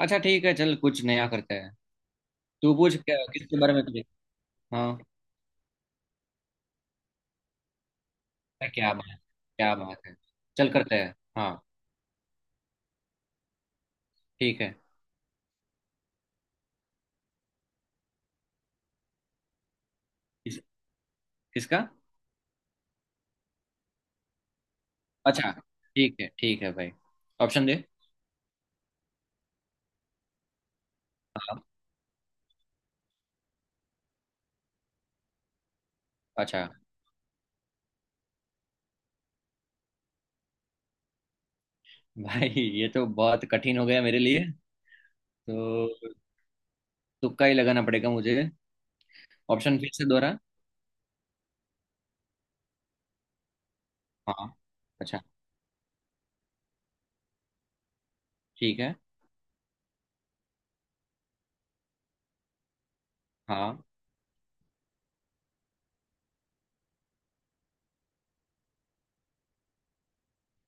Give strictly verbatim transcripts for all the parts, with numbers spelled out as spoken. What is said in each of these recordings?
अच्छा, ठीक है। चल कुछ नया करते हैं। तू पूछ, क्या किसके बारे में तुझे। हाँ। अरे क्या बात है। क्या बात है। चल करते हैं। हाँ, ठीक है। किस, किसका। अच्छा, ठीक है। ठीक है भाई, ऑप्शन दे। हाँ। अच्छा भाई, ये तो बहुत कठिन हो गया मेरे लिए। तो तुक्का ही लगाना पड़ेगा मुझे। ऑप्शन फिर से दोहरा। हाँ। अच्छा। ठीक है। हाँ।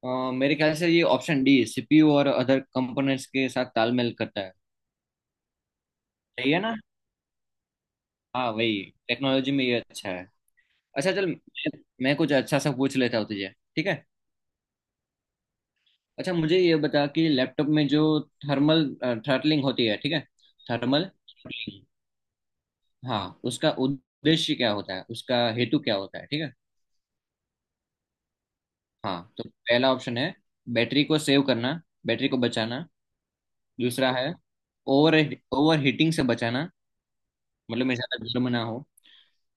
अ, मेरे ख्याल से ये ऑप्शन डी, सीपीयू और अदर कंपोनेंट्स के साथ तालमेल करता है। सही है ना। हाँ वही। टेक्नोलॉजी में ये अच्छा है। अच्छा चल, मैं मैं कुछ अच्छा सा पूछ लेता हूँ तुझे। ठीक है। अच्छा, मुझे ये बता कि लैपटॉप में जो थर्मल थ्रटलिंग होती है, ठीक है। Thermal throttling. हाँ, उसका उद्देश्य क्या होता है, उसका हेतु क्या होता है, ठीक है। हाँ, तो पहला ऑप्शन है बैटरी को सेव करना, बैटरी को बचाना। दूसरा है ओवर ओवर हीटिंग से बचाना। मतलब मैं ज़्यादा गर्म ना हो।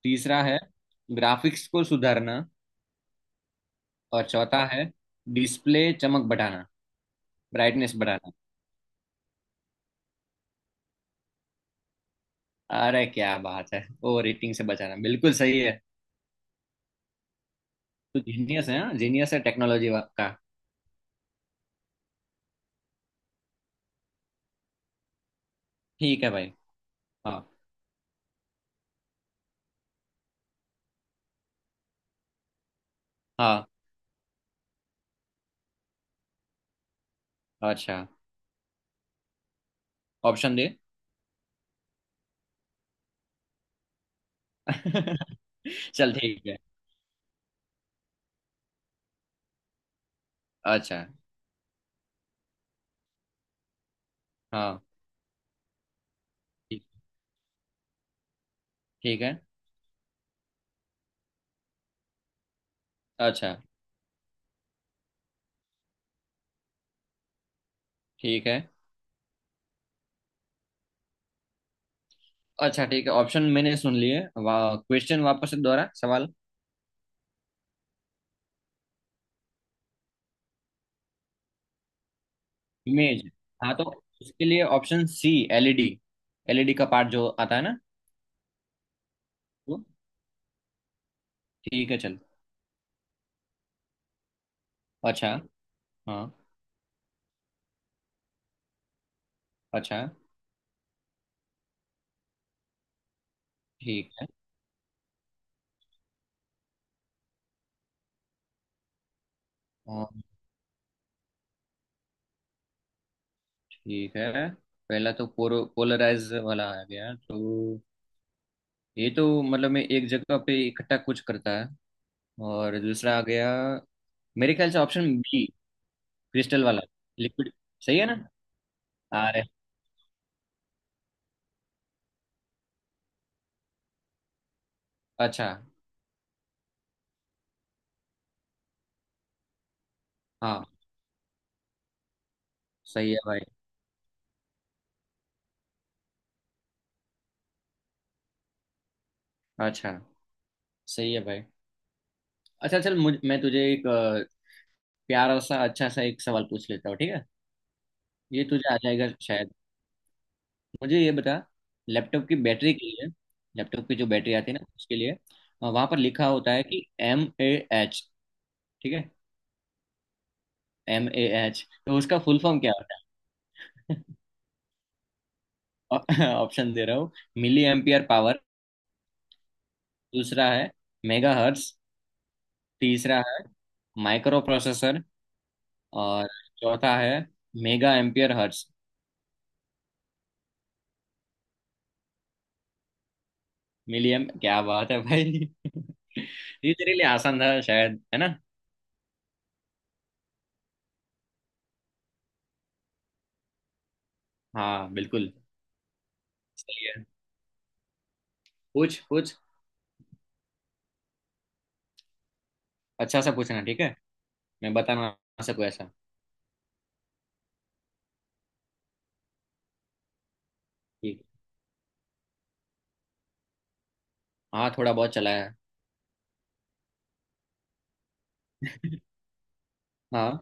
तीसरा है ग्राफिक्स को सुधारना। और चौथा है डिस्प्ले चमक बढ़ाना, ब्राइटनेस बढ़ाना। अरे क्या बात है, ओ रेटिंग से बचाना बिल्कुल सही है। तू जीनियस है, हाँ जीनियस है टेक्नोलॉजी का। ठीक है भाई। हाँ। हाँ। अच्छा, ऑप्शन दे। चल ठीक है। अच्छा। हाँ। ठीक ठीक है। अच्छा, ठीक है। अच्छा, ठीक है, ऑप्शन मैंने सुन लिए। वाह, क्वेश्चन वापस से दोहरा, सवाल। इमेज, हाँ, तो उसके लिए ऑप्शन सी, एलईडी, एलईडी का पार्ट जो आता है ना। वो, ठीक है चल। अच्छा। हाँ। अच्छा। ठीक है। ठीक है। पहला तो पोरो पोलराइज वाला आ गया, तो ये तो मतलब मैं एक जगह पे इकट्ठा कुछ करता है। और दूसरा आ गया, मेरे ख्याल से ऑप्शन बी, क्रिस्टल वाला, लिक्विड। सही है ना। अरे। अच्छा। हाँ, सही है भाई। अच्छा, सही है भाई। अच्छा चल, मुझ मैं तुझे एक अ, प्यारा सा अच्छा सा एक सवाल पूछ लेता हूँ, ठीक है। ये तुझे आ जाएगा शायद। मुझे ये बता, लैपटॉप की बैटरी के लिए, लैपटॉप की जो बैटरी आती है ना उसके लिए, वहां पर लिखा होता है कि एम ए एच, ठीक है। एम ए एच, तो उसका फुल फॉर्म क्या होता है। ऑप्शन दे रहा हूँ, मिली एम्पियर पावर। दूसरा है मेगा हर्ट्स। तीसरा है माइक्रो प्रोसेसर। और चौथा है मेगा एम्पियर हर्ट्स। मिलियम, क्या बात है भाई। ये तेरे लिए आसान था शायद, है ना। हाँ बिल्कुल। सही है। पूछ पूछ, अच्छा सा पूछना ठीक है। मैं बताना सबको ऐसा। ठीक है? हाँ, थोड़ा बहुत चला है। हाँ।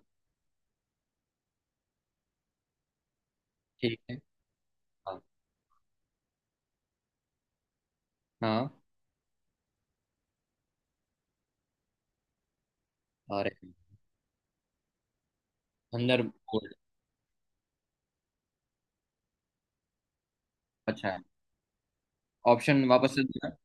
ठीक है। हाँ। हाँ। और अंदर बोल। अच्छा। ऑप्शन वापस से देना।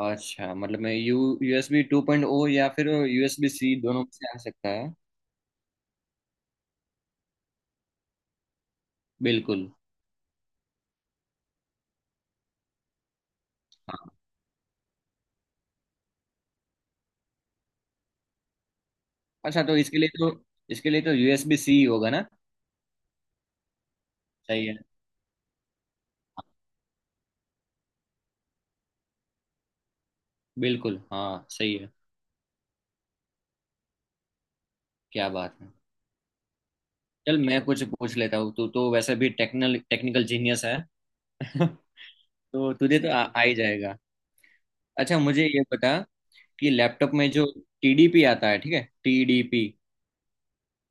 अच्छा, मतलब मैं यू यूएसबी टू पॉइंट ओ या फिर यूएसबी सी, दोनों में से आ सकता है। बिल्कुल हाँ। अच्छा, तो इसके लिए तो, इसके लिए तो यूएसबी सी होगा ना। सही है। बिल्कुल हाँ। सही है। क्या बात है। चल मैं कुछ पूछ लेता हूँ, तू तो वैसे भी टेक्निकल, टेक्निकल जीनियस है। तो तुझे तो आ, आ ही जाएगा। अच्छा, मुझे ये बता कि लैपटॉप में जो टीडीपी आता है, ठीक है, टीडीपी।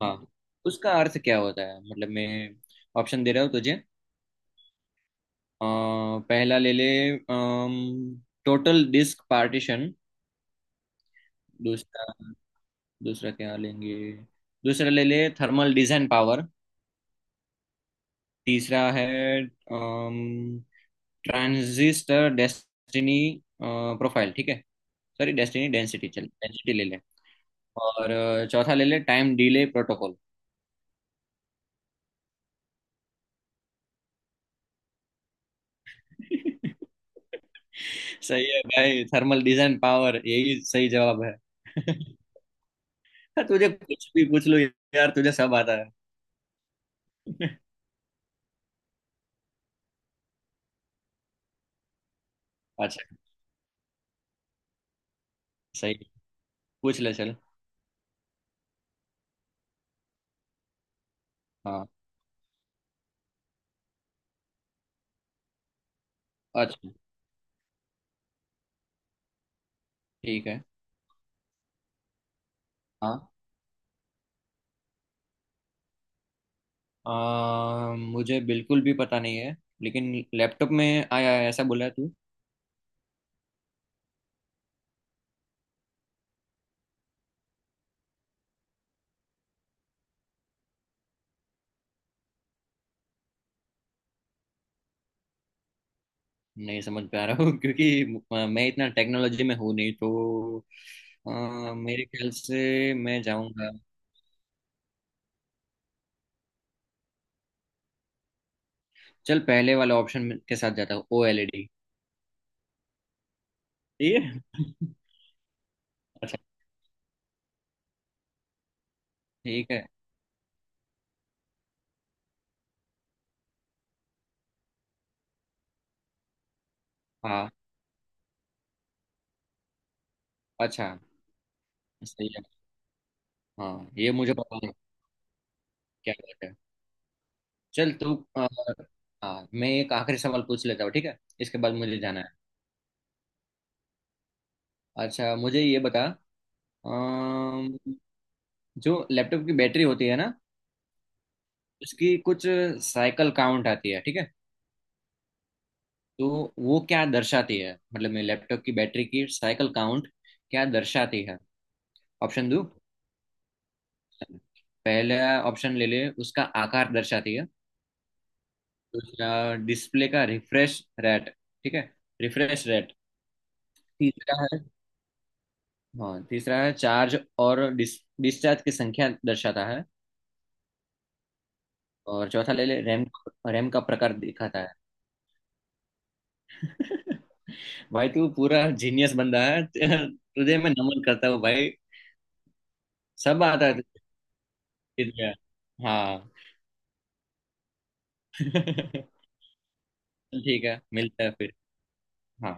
हाँ, उसका अर्थ क्या होता है, मतलब मैं ऑप्शन दे रहा हूँ तुझे। अ, पहला ले ले, टोटल डिस्क पार्टीशन। दूसरा, दूसरा क्या लेंगे, दूसरा ले ले, थर्मल डिजाइन पावर। तीसरा है ट्रांजिस्टर डेस्टिनी प्रोफाइल, ठीक है। सॉरी, डेस्टिनी डेंसिटी, चल डेंसिटी ले ले। और अ, चौथा ले ले, टाइम डिले प्रोटोकॉल। सही है भाई, थर्मल डिजाइन पावर यही सही जवाब है। तुझे कुछ भी पूछ लो यार, तुझे सब आता है। अच्छा, सही। पूछ ले चल। हाँ। अच्छा। ठीक है। हाँ। आ, मुझे बिल्कुल भी पता नहीं है, लेकिन लैपटॉप में आया है ऐसा बोला तू। नहीं समझ पा रहा हूँ। क्योंकि आ, मैं इतना टेक्नोलॉजी में हूँ नहीं, तो आ, मेरे ख्याल से मैं जाऊंगा, चल पहले वाला ऑप्शन के साथ जाता हूँ, ओ एल ई डी। ठीक है। अच्छा। ठीक है। हाँ। अच्छा। सही है। हाँ, ये मुझे पता है। क्या बात है। चल तू। आ, हाँ, मैं एक आखिरी सवाल पूछ लेता हूँ ठीक है, इसके बाद मुझे जाना है। अच्छा, मुझे ये बता। अम, जो लैपटॉप की बैटरी होती है ना, उसकी कुछ साइकिल काउंट आती है ठीक है। तो वो क्या दर्शाती है, मतलब मैं लैपटॉप की बैटरी की साइकिल काउंट क्या दर्शाती है। ऑप्शन दो। पहला ऑप्शन ले ले, उसका आकार दर्शाती है। दूसरा, डिस्प्ले का रिफ्रेश रेट, ठीक है, रिफ्रेश रेट। तीसरा है, हाँ तीसरा है, चार्ज और डिस, डिस्चार्ज की संख्या दर्शाता है। और चौथा ले ले, रैम, रैम का प्रकार दिखाता है। भाई तू पूरा जीनियस बंदा है। तुझे मैं नमन करता हूँ भाई। सब आता है तुझे। हाँ। ठीक है, मिलता है फिर। हाँ।